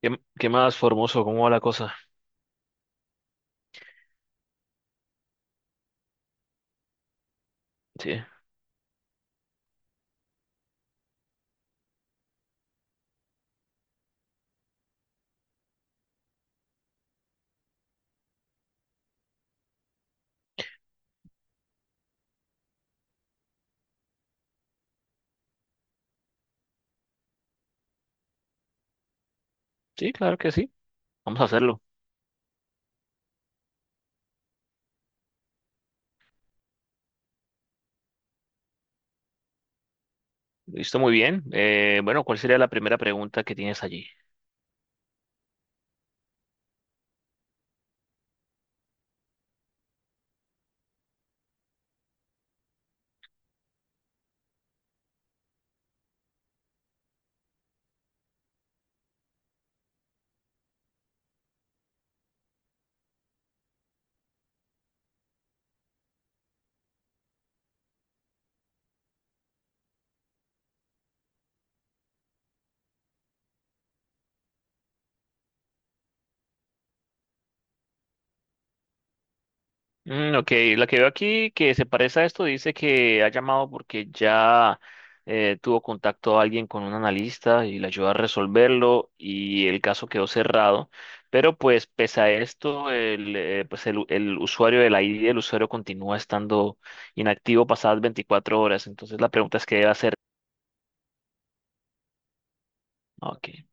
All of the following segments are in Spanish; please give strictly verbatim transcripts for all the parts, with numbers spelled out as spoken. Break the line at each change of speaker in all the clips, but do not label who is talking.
¿Qué, qué más, Formoso? ¿Cómo va la cosa? Sí, sí, claro que sí. Vamos a hacerlo. Listo, muy bien. Eh, bueno, ¿cuál sería la primera pregunta que tienes allí? Mm, ok, la que veo aquí que se parece a esto dice que ha llamado porque ya eh, tuvo contacto a alguien con un analista y le ayudó a resolverlo y el caso quedó cerrado. Pero pues pese a esto, el, eh, pues el, el usuario de la I D el usuario continúa estando inactivo pasadas veinticuatro horas. Entonces la pregunta es qué debe hacer. Ok.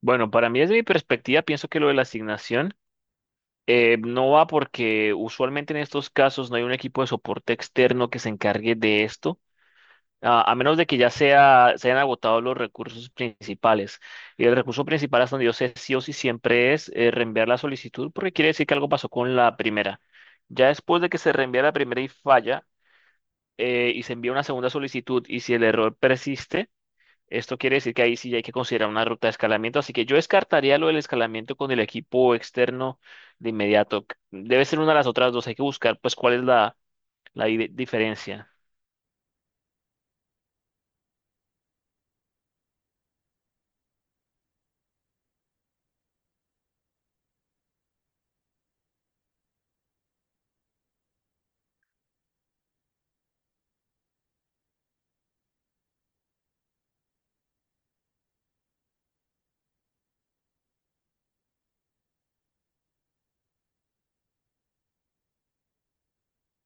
Bueno, para mí desde mi perspectiva, pienso que lo de la asignación eh, no va porque usualmente en estos casos no hay un equipo de soporte externo que se encargue de esto, a, a menos de que ya sea, se hayan agotado los recursos principales. Y el recurso principal hasta donde yo sé sí o sí siempre es eh, reenviar la solicitud porque quiere decir que algo pasó con la primera. Ya después de que se reenvía la primera y falla eh, y se envía una segunda solicitud y si el error persiste esto quiere decir que ahí sí hay que considerar una ruta de escalamiento, así que yo descartaría lo del escalamiento con el equipo externo de inmediato. Debe ser una de las otras dos, hay que buscar pues cuál es la, la di- diferencia.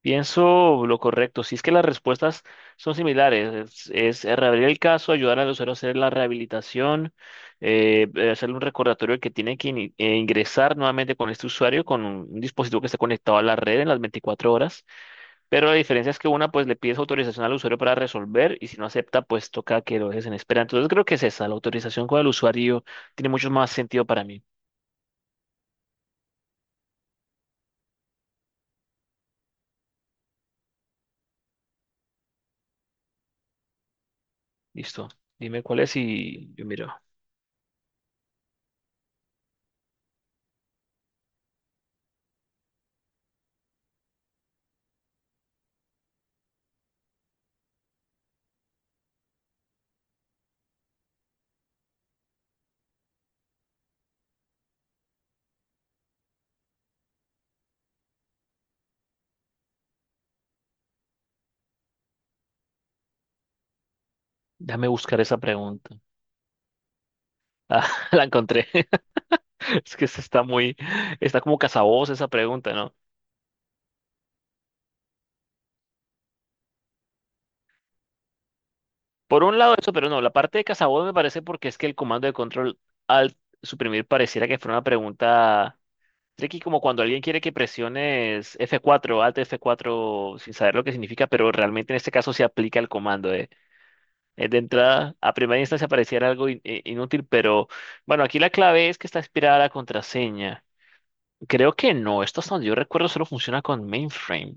Pienso lo correcto, si es que las respuestas son similares, es, es reabrir el caso, ayudar al usuario a hacer la rehabilitación, eh, eh, hacerle un recordatorio de que tiene que ini- eh, ingresar nuevamente con este usuario, con un un dispositivo que esté conectado a la red en las veinticuatro horas. Pero la diferencia es que una, pues le pides autorización al usuario para resolver y si no acepta, pues toca que lo dejes en espera. Entonces creo que es esa, la autorización con el usuario tiene mucho más sentido para mí. Listo. Dime cuál es y yo miro. Déjame buscar esa pregunta. Ah, la encontré. Es que esta está muy, está como cazaboz esa pregunta, ¿no? Por un lado eso, pero no, la parte de cazaboz me parece porque es que el comando de control al suprimir pareciera que fuera una pregunta Tricky como cuando alguien quiere que presiones F cuatro, Alt F cuatro, sin saber lo que significa, pero realmente en este caso se aplica el comando. eh. Eh, De entrada, a primera instancia pareciera algo in- eh, inútil, pero bueno, aquí la clave es que está inspirada la contraseña. Creo que no, esto hasta donde yo recuerdo solo funciona con mainframe.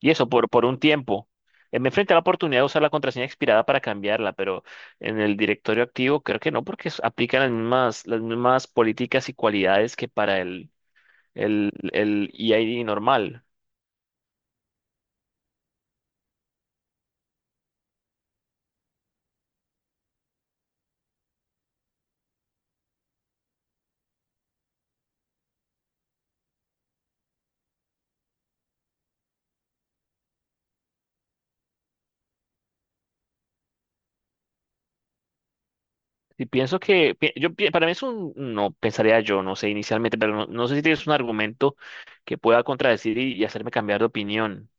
Y eso por, por un tiempo. Eh, Me enfrenté a la oportunidad de usar la contraseña expirada para cambiarla, pero en el directorio activo creo que no, porque s- aplican las mismas, las mismas políticas y cualidades que para el el, el E I D normal. Y pienso que, pi- yo, pi- para mí es un, no, pensaría yo, no sé inicialmente, pero no, no sé si tienes un argumento que pueda contradecir y, y hacerme cambiar de opinión.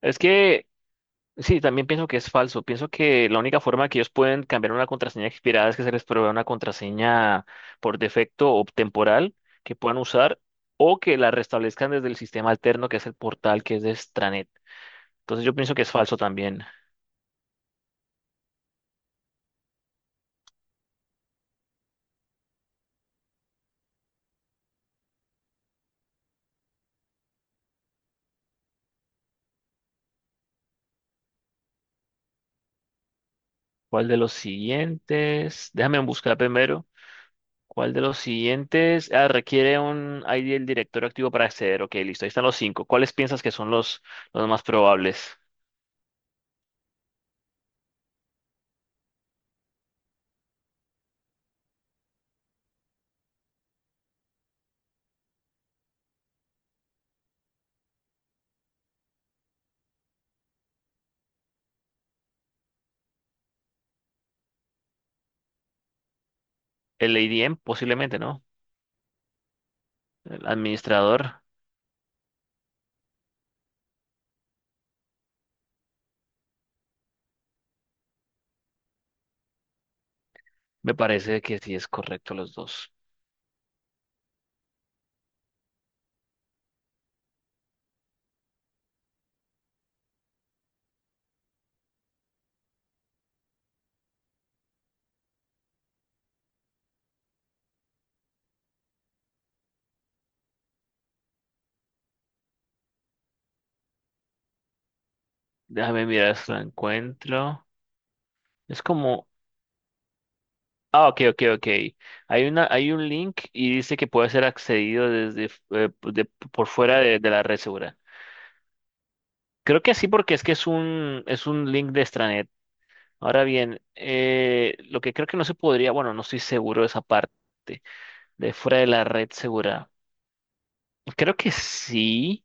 Es que, sí, también pienso que es falso. Pienso que la única forma que ellos pueden cambiar una contraseña expirada es que se les provea una contraseña por defecto o temporal que puedan usar o que la restablezcan desde el sistema alterno que es el portal que es de Stranet. Entonces yo pienso que es falso también. ¿Cuál de los siguientes? Déjame buscar primero. ¿Cuál de los siguientes? Ah, requiere un I D del director activo para acceder. Ok, listo. Ahí están los cinco. ¿Cuáles piensas que son los, los más probables? El A D M, posiblemente, ¿no? El administrador. Me parece que sí es correcto los dos. Déjame mirar si lo encuentro. Es como. Ah, ok, ok, ok. Hay una, hay un link y dice que puede ser accedido desde eh, de- por fuera de, de la red segura. Creo que sí, porque es que es un, es un link de extranet. Ahora bien, eh, lo que creo que no se podría, bueno, no estoy seguro de esa parte, de fuera de la red segura. Creo que sí,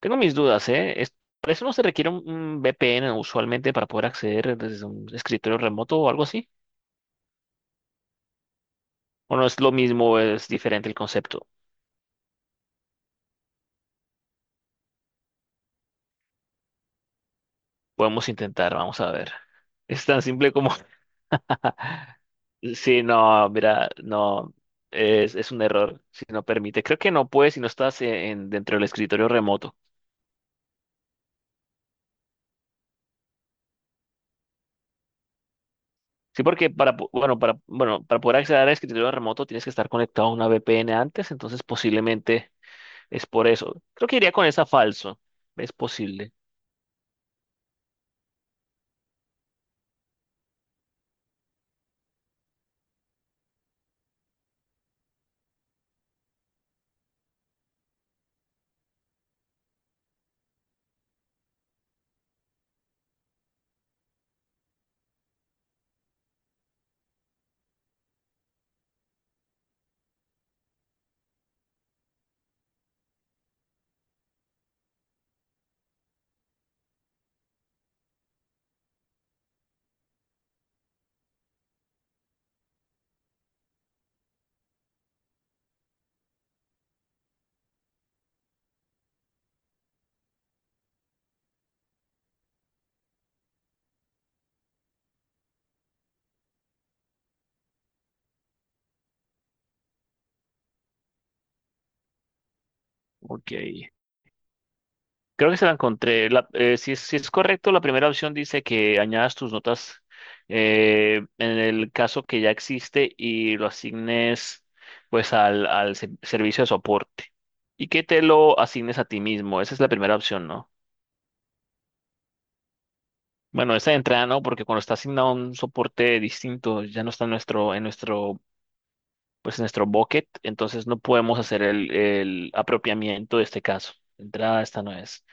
tengo mis dudas, ¿eh? Es- para eso no se requiere un, un V P N usualmente para poder acceder desde un escritorio remoto o algo así. ¿O no es lo mismo, es diferente el concepto? Podemos intentar, vamos a ver. Es tan simple como... Sí, no, mira, no, es, es un error si no permite. Creo que no puedes si no estás en, dentro del escritorio remoto. Sí, porque para, po- bueno, para, bueno, para poder acceder a escritorio remoto tienes que estar conectado a una V P N antes, entonces posiblemente es por eso. Creo que iría con esa falso. Es posible. Ok. Creo que se la encontré. La- eh, si es, si es correcto, la primera opción dice que añadas tus notas eh, en el caso que ya existe y lo asignes pues al, al se- servicio de soporte y que te lo asignes a ti mismo. Esa es la primera opción, ¿no? Bueno, esta de entrada no, porque cuando está asignado a un soporte distinto, ya no está en nuestro, en nuestro, pues en nuestro bucket, entonces no podemos hacer el, el apropiamiento de este caso. De entrada, esta no es.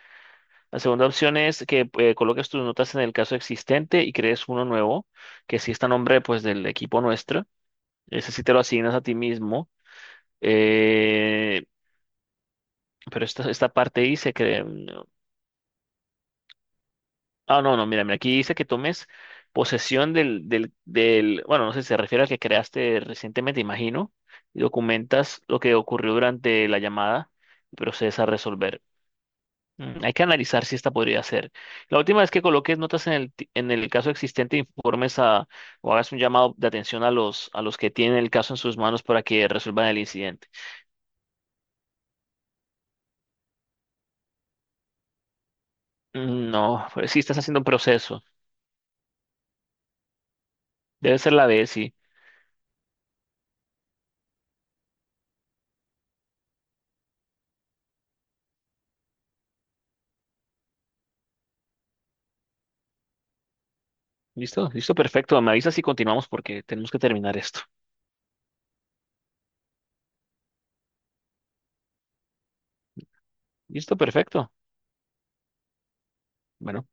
La segunda opción es que eh, coloques tus notas en el caso existente y crees uno nuevo, que sí está a nombre pues del equipo nuestro. Ese sí te lo asignas a ti mismo. Eh, pero esta, esta parte dice que... Ah, no, no, mira, mira, aquí dice que tomes posesión del, del, del, bueno, no sé si se refiere al que creaste recientemente, imagino, y documentas lo que ocurrió durante la llamada y procedes a resolver. Mm, Hay que analizar si esta podría ser. La última es que coloques notas en el, ti- en el caso existente, informes a, o hagas un llamado de atención a los, a los que tienen el caso en sus manos para que resuelvan el incidente. Mm, No, pues sí, estás haciendo un proceso. Debe ser la B, sí. ¿Listo? Listo, perfecto. Me avisas si continuamos porque tenemos que terminar esto. Listo, perfecto. Bueno.